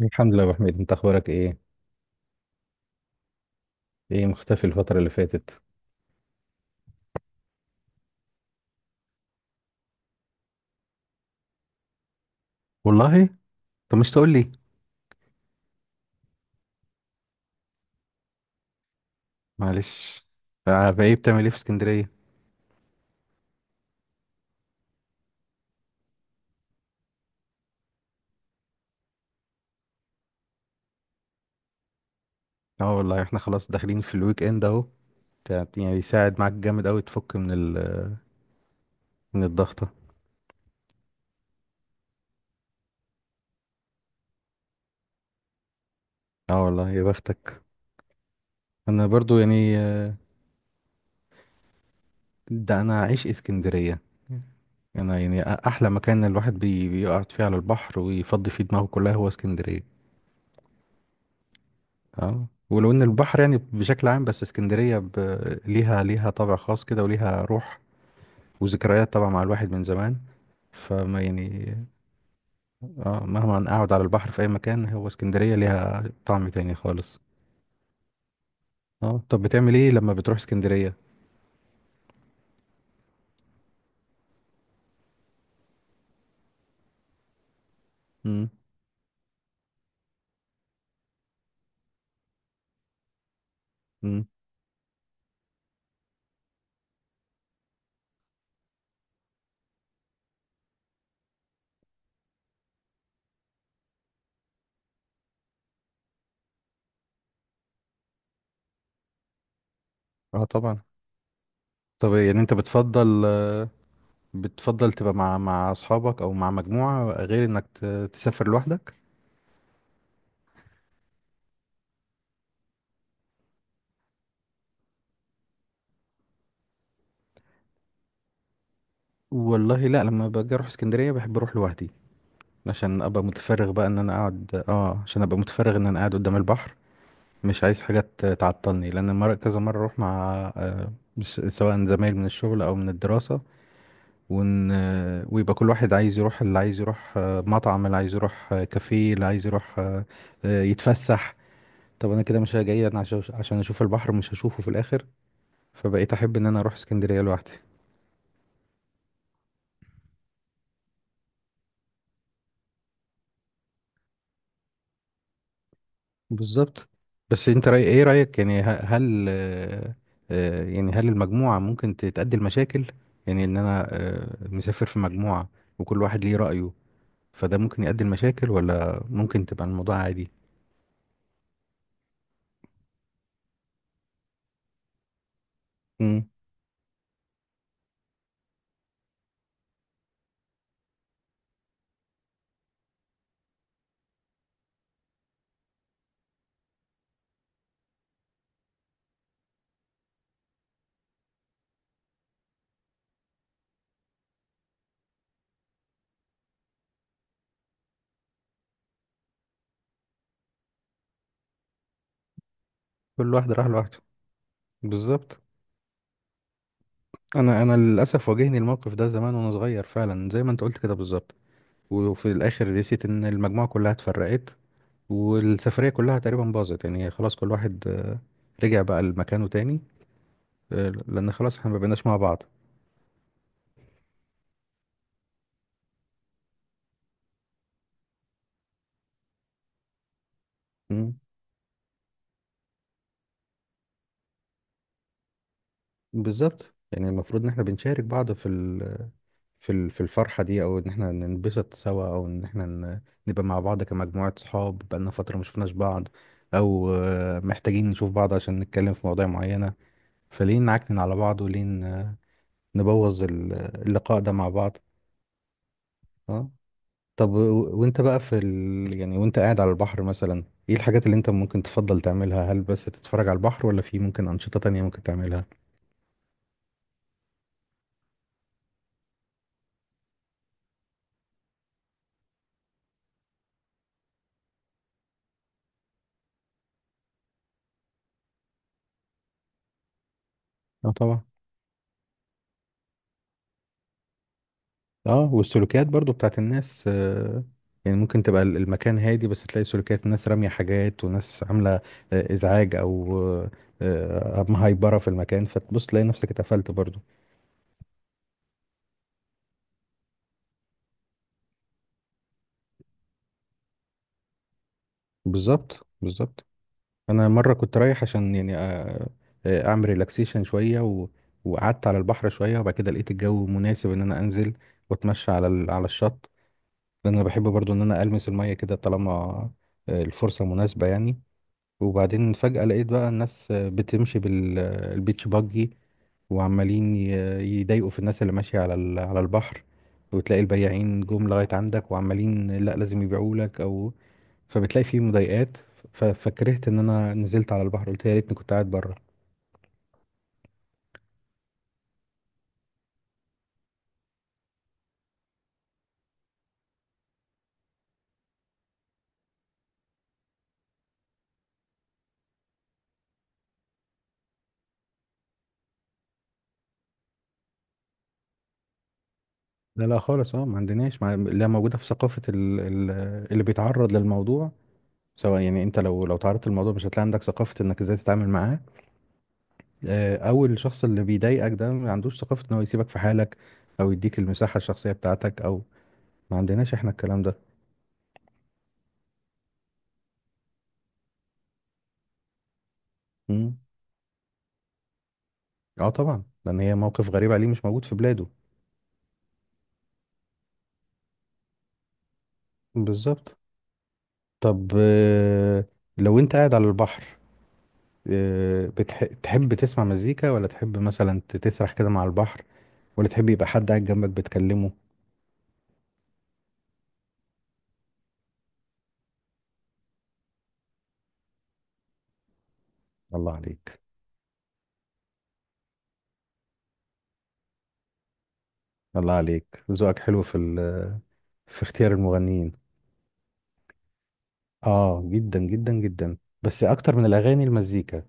الحمد لله يا ابو حميد، انت اخبارك ايه؟ ايه مختفي الفتره اللي فاتت؟ والله. طب مش تقول لي؟ معلش. بايه بتعمل ايه في اسكندريه؟ اه والله احنا خلاص داخلين في الويك اند اهو. يعني يساعد معاك جامد قوي، تفك من ال... من الضغطه. اه والله يا بختك. انا برضو يعني ده انا عايش اسكندريه. انا يعني احلى مكان الواحد بيقعد فيه على البحر، ويفضي فيه دماغه، كلها هو اسكندريه. اه، ولو ان البحر يعني بشكل عام، بس اسكندريه ليها طابع خاص كده، وليها روح، وذكريات طبعا مع الواحد من زمان، فما يعني. اه، مهما اقعد على البحر في اي مكان، هو اسكندرية ليها طعم تاني خالص. اه. طب بتعمل ايه لما بتروح اسكندرية؟ امم. امم. اه طبعا. طب يعني انت بتفضل تبقى مع اصحابك او مع مجموعة، غير انك تسافر لوحدك؟ والله، لا، لما باجي اروح اسكندرية بحب اروح لوحدي، عشان ابقى متفرغ بقى ان انا اقعد، عشان ابقى متفرغ ان انا قاعد قدام البحر. مش عايز حاجة تعطلني، لأن مرة كذا مرة أروح مع آه، سواء زمايل من الشغل أو من الدراسة، ويبقى كل واحد عايز يروح اللي عايز يروح، مطعم اللي عايز يروح، كافيه اللي عايز يروح، يتفسح. طب أنا كده، مش جاي أنا عشان أشوف البحر، مش هشوفه في الآخر. فبقيت أحب إن أنا أروح اسكندرية لوحدي. بالظبط. بس أنت رأيك يعني، هل يعني هل المجموعة ممكن تتأدي المشاكل، يعني إن أنا مسافر في مجموعة، وكل واحد ليه رأيه، فده ممكن يؤدي لمشاكل، ولا ممكن تبقى الموضوع عادي؟ مم. كل واحد راح لوحده. بالظبط. انا للاسف واجهني الموقف ده زمان وانا صغير، فعلا زي ما انت قلت كده بالظبط. وفي الاخر رسيت ان المجموعه كلها اتفرقت، والسفريه كلها تقريبا باظت، يعني خلاص كل واحد رجع بقى لمكانه تاني. لان خلاص احنا ما بقيناش مع بعض. مم. بالظبط، يعني المفروض ان احنا بنشارك بعض في في الفرحة دي، او ان احنا ننبسط سوا، او ان احنا نبقى مع بعض كمجموعة صحاب بقالنا فترة ما شفناش بعض، او محتاجين نشوف بعض عشان نتكلم في مواضيع معينة، فليه نعكنن على بعض، وليه نبوظ اللقاء ده مع بعض؟ اه. طب وانت بقى يعني وانت قاعد على البحر مثلا، ايه الحاجات اللي انت ممكن تفضل تعملها؟ هل بس تتفرج على البحر، ولا في ممكن أنشطة تانية ممكن تعملها؟ اه طبعا. اه، والسلوكيات برضو بتاعت الناس يعني ممكن تبقى المكان هادي، بس تلاقي سلوكيات، ناس رامية حاجات وناس عاملة إزعاج، أو مهايبرة في المكان، فتبص تلاقي نفسك اتقفلت برضو. بالظبط، بالظبط. أنا مرة كنت رايح عشان يعني أعمل ريلاكسيشن شوية، وقعدت على البحر شوية، وبعد كده لقيت الجو مناسب إن أنا أنزل وأتمشى على الشط، لأن أنا بحب برضو إن أنا ألمس المية كده، طالما الفرصة مناسبة يعني. وبعدين فجأة لقيت بقى الناس بتمشي بالبيتش باجي، وعمالين يضايقوا في الناس اللي ماشية على البحر، وتلاقي البياعين جم لغاية عندك، وعمالين لا لازم يبيعوا لك، او فبتلاقي فيه مضايقات. فكرهت ان انا نزلت على البحر، قلت يا ريتني كنت قاعد بره. لا، لا خالص، ما عندناش، ما، لا موجودة في ثقافة اللي بيتعرض للموضوع، سواء يعني انت لو تعرضت للموضوع، مش هتلاقي عندك ثقافة انك ازاي تتعامل معاه. او الشخص اللي بيضايقك ده ما عندوش ثقافة ان هو يسيبك في حالك، او يديك المساحة الشخصية بتاعتك، او ما عندناش احنا الكلام ده. مم. اه طبعا، لان هي موقف غريب عليه، مش موجود في بلاده. بالظبط. طب لو انت قاعد على البحر، تحب تسمع مزيكا، ولا تحب مثلا تسرح كده مع البحر، ولا تحب يبقى حد قاعد جنبك بتكلمه؟ الله عليك. الله عليك، ذوقك حلو في اختيار المغنيين. اه، جدا جدا جدا. بس اكتر من الاغاني المزيكا.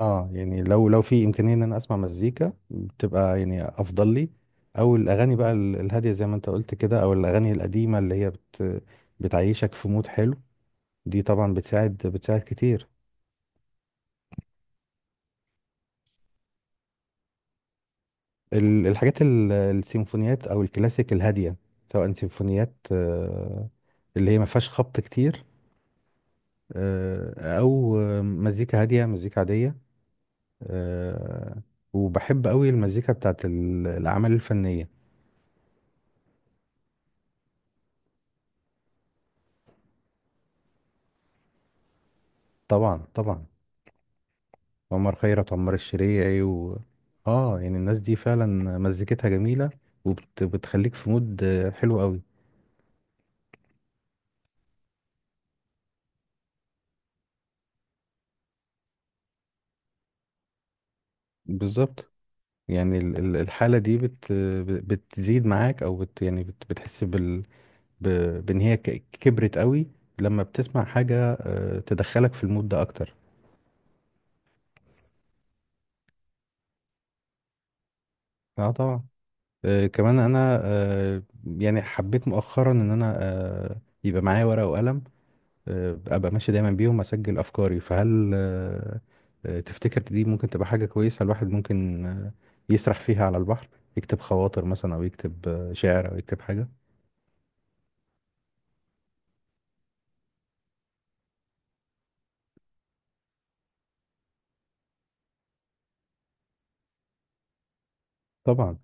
اه يعني، لو في امكانيه ان انا اسمع مزيكا، بتبقى يعني افضل لي، او الاغاني بقى الهاديه، زي ما انت قلت كده، او الاغاني القديمه اللي هي بتعيشك في مود حلو. دي طبعا بتساعد كتير. الحاجات السيمفونيات او الكلاسيك الهاديه، سواء سيمفونيات اللي هي ما فيهاش خبط كتير. او مزيكا هاديه، مزيكا عاديه. آه، وبحب قوي المزيكا بتاعت الاعمال الفنيه. طبعا، طبعا. عمر خيرت، عمر الشريعي، و... اه يعني الناس دي فعلا مزيكتها جميلة، وبتخليك في مود حلو قوي. بالظبط، يعني الحالة دي بتزيد معاك، او يعني بتحس بان هي كبرت قوي، لما بتسمع حاجة تدخلك في المود ده اكتر. اه طبعا. كمان انا يعني حبيت مؤخرا ان انا يبقى معايا ورقة وقلم، ابقى ماشي دايما بيهم اسجل افكاري، فهل تفتكر دي ممكن تبقى حاجة كويسة؟ الواحد ممكن يسرح فيها على البحر، يكتب خواطر مثلا، او يكتب شعر، او يكتب حاجة. طبعا.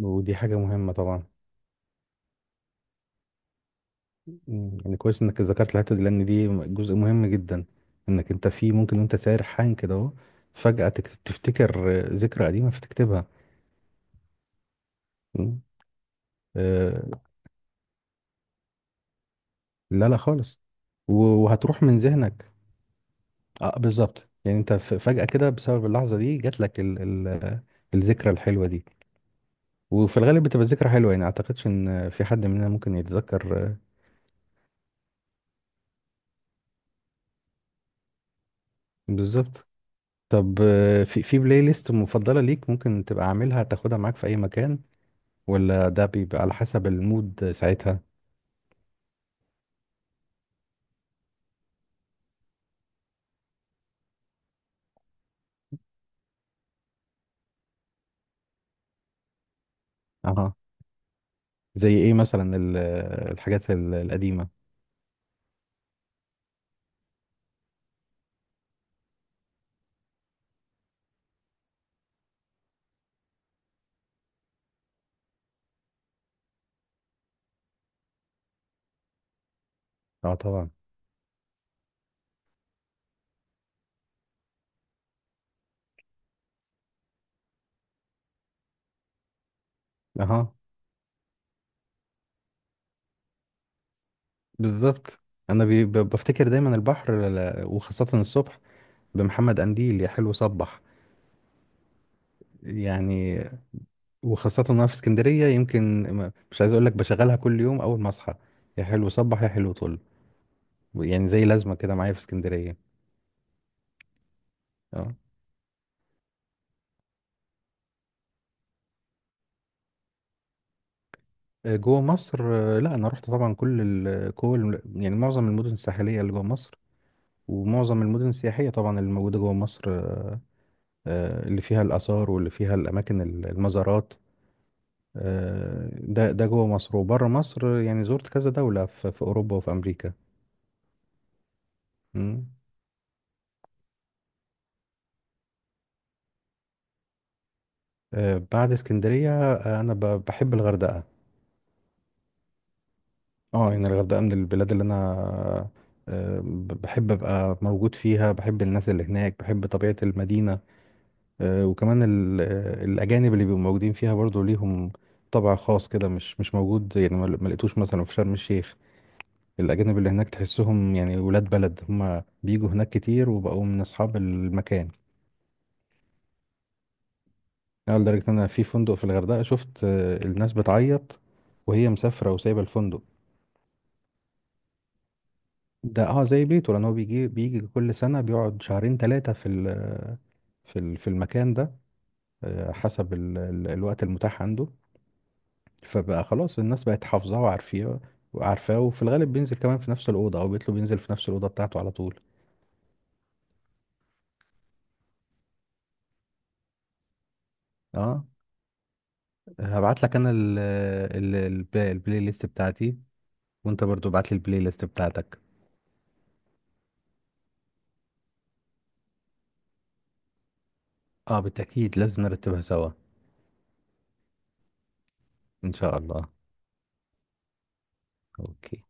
ودي حاجة مهمة طبعا. يعني كويس انك ذكرت الحتة دي، لان دي جزء مهم جدا، انك انت في ممكن، وانت سارحان كده اهو، فجأة تفتكر ذكرى قديمة، فتكتبها. مم. آه، لا، لا خالص. و- وهتروح من ذهنك. اه، بالظبط، يعني انت فجأة كده، بسبب اللحظة دي، جات لك ال ال الذكرى الحلوة دي. وفي الغالب بتبقى ذكرى حلوة، يعني اعتقدش ان في حد مننا ممكن يتذكر بالظبط. طب، في بلاي ليست مفضلة ليك، ممكن تبقى عاملها، تاخدها معاك في اي مكان، ولا ده بيبقى على حسب المود ساعتها؟ اها. زي ايه مثلا الحاجات القديمة؟ اه طبعا. اها. بالظبط، انا بفتكر دايما البحر، وخاصة الصبح، بمحمد قنديل، يا حلو صبح. يعني، وخاصة وانا في اسكندرية، يمكن مش عايز اقول لك بشغلها كل يوم اول ما اصحى، يا حلو صبح يا حلو طل، يعني زي لازمة كده معايا في اسكندرية. اه. جوه مصر، لا، انا رحت طبعا كل كل يعني معظم المدن الساحلية اللي جوه مصر، ومعظم المدن السياحية طبعا اللي موجودة جوه مصر، اللي فيها الآثار، واللي فيها الأماكن المزارات. ده جوه مصر، وبره مصر، يعني زرت كذا دولة في أوروبا وفي أمريكا. مم. بعد اسكندرية، أنا بحب الغردقة. اه يعني الغردقة من البلاد اللي أنا بحب أبقى موجود فيها، بحب الناس اللي هناك، بحب طبيعة المدينة، وكمان الأجانب اللي بيبقوا موجودين فيها برضو ليهم طبع خاص كده، مش موجود يعني، ما لقيتوش مثلا في شرم الشيخ. الأجانب اللي هناك تحسهم يعني ولاد بلد، هما بيجوا هناك كتير وبقوا من أصحاب المكان. أنا لدرجة إن أنا في فندق في الغردقة شفت الناس بتعيط وهي مسافرة وسايبة الفندق. ده زي بيته، لان هو بيجي بيجي كل سنه، بيقعد شهرين ثلاثه في المكان ده، حسب ال ال الوقت المتاح عنده. فبقى خلاص الناس بقت حافظاه وعارفاه، وفي الغالب بينزل كمان في نفس الاوضه، او بيطلب ينزل في نفس الاوضه بتاعته على طول. اه. هبعت لك انا ال ال البلاي ليست بتاعتي، وانت برضو ابعت لي البلاي ليست بتاعتك. اه، بالتاكيد لازم نرتبها سوا. ان شاء الله. اوكي.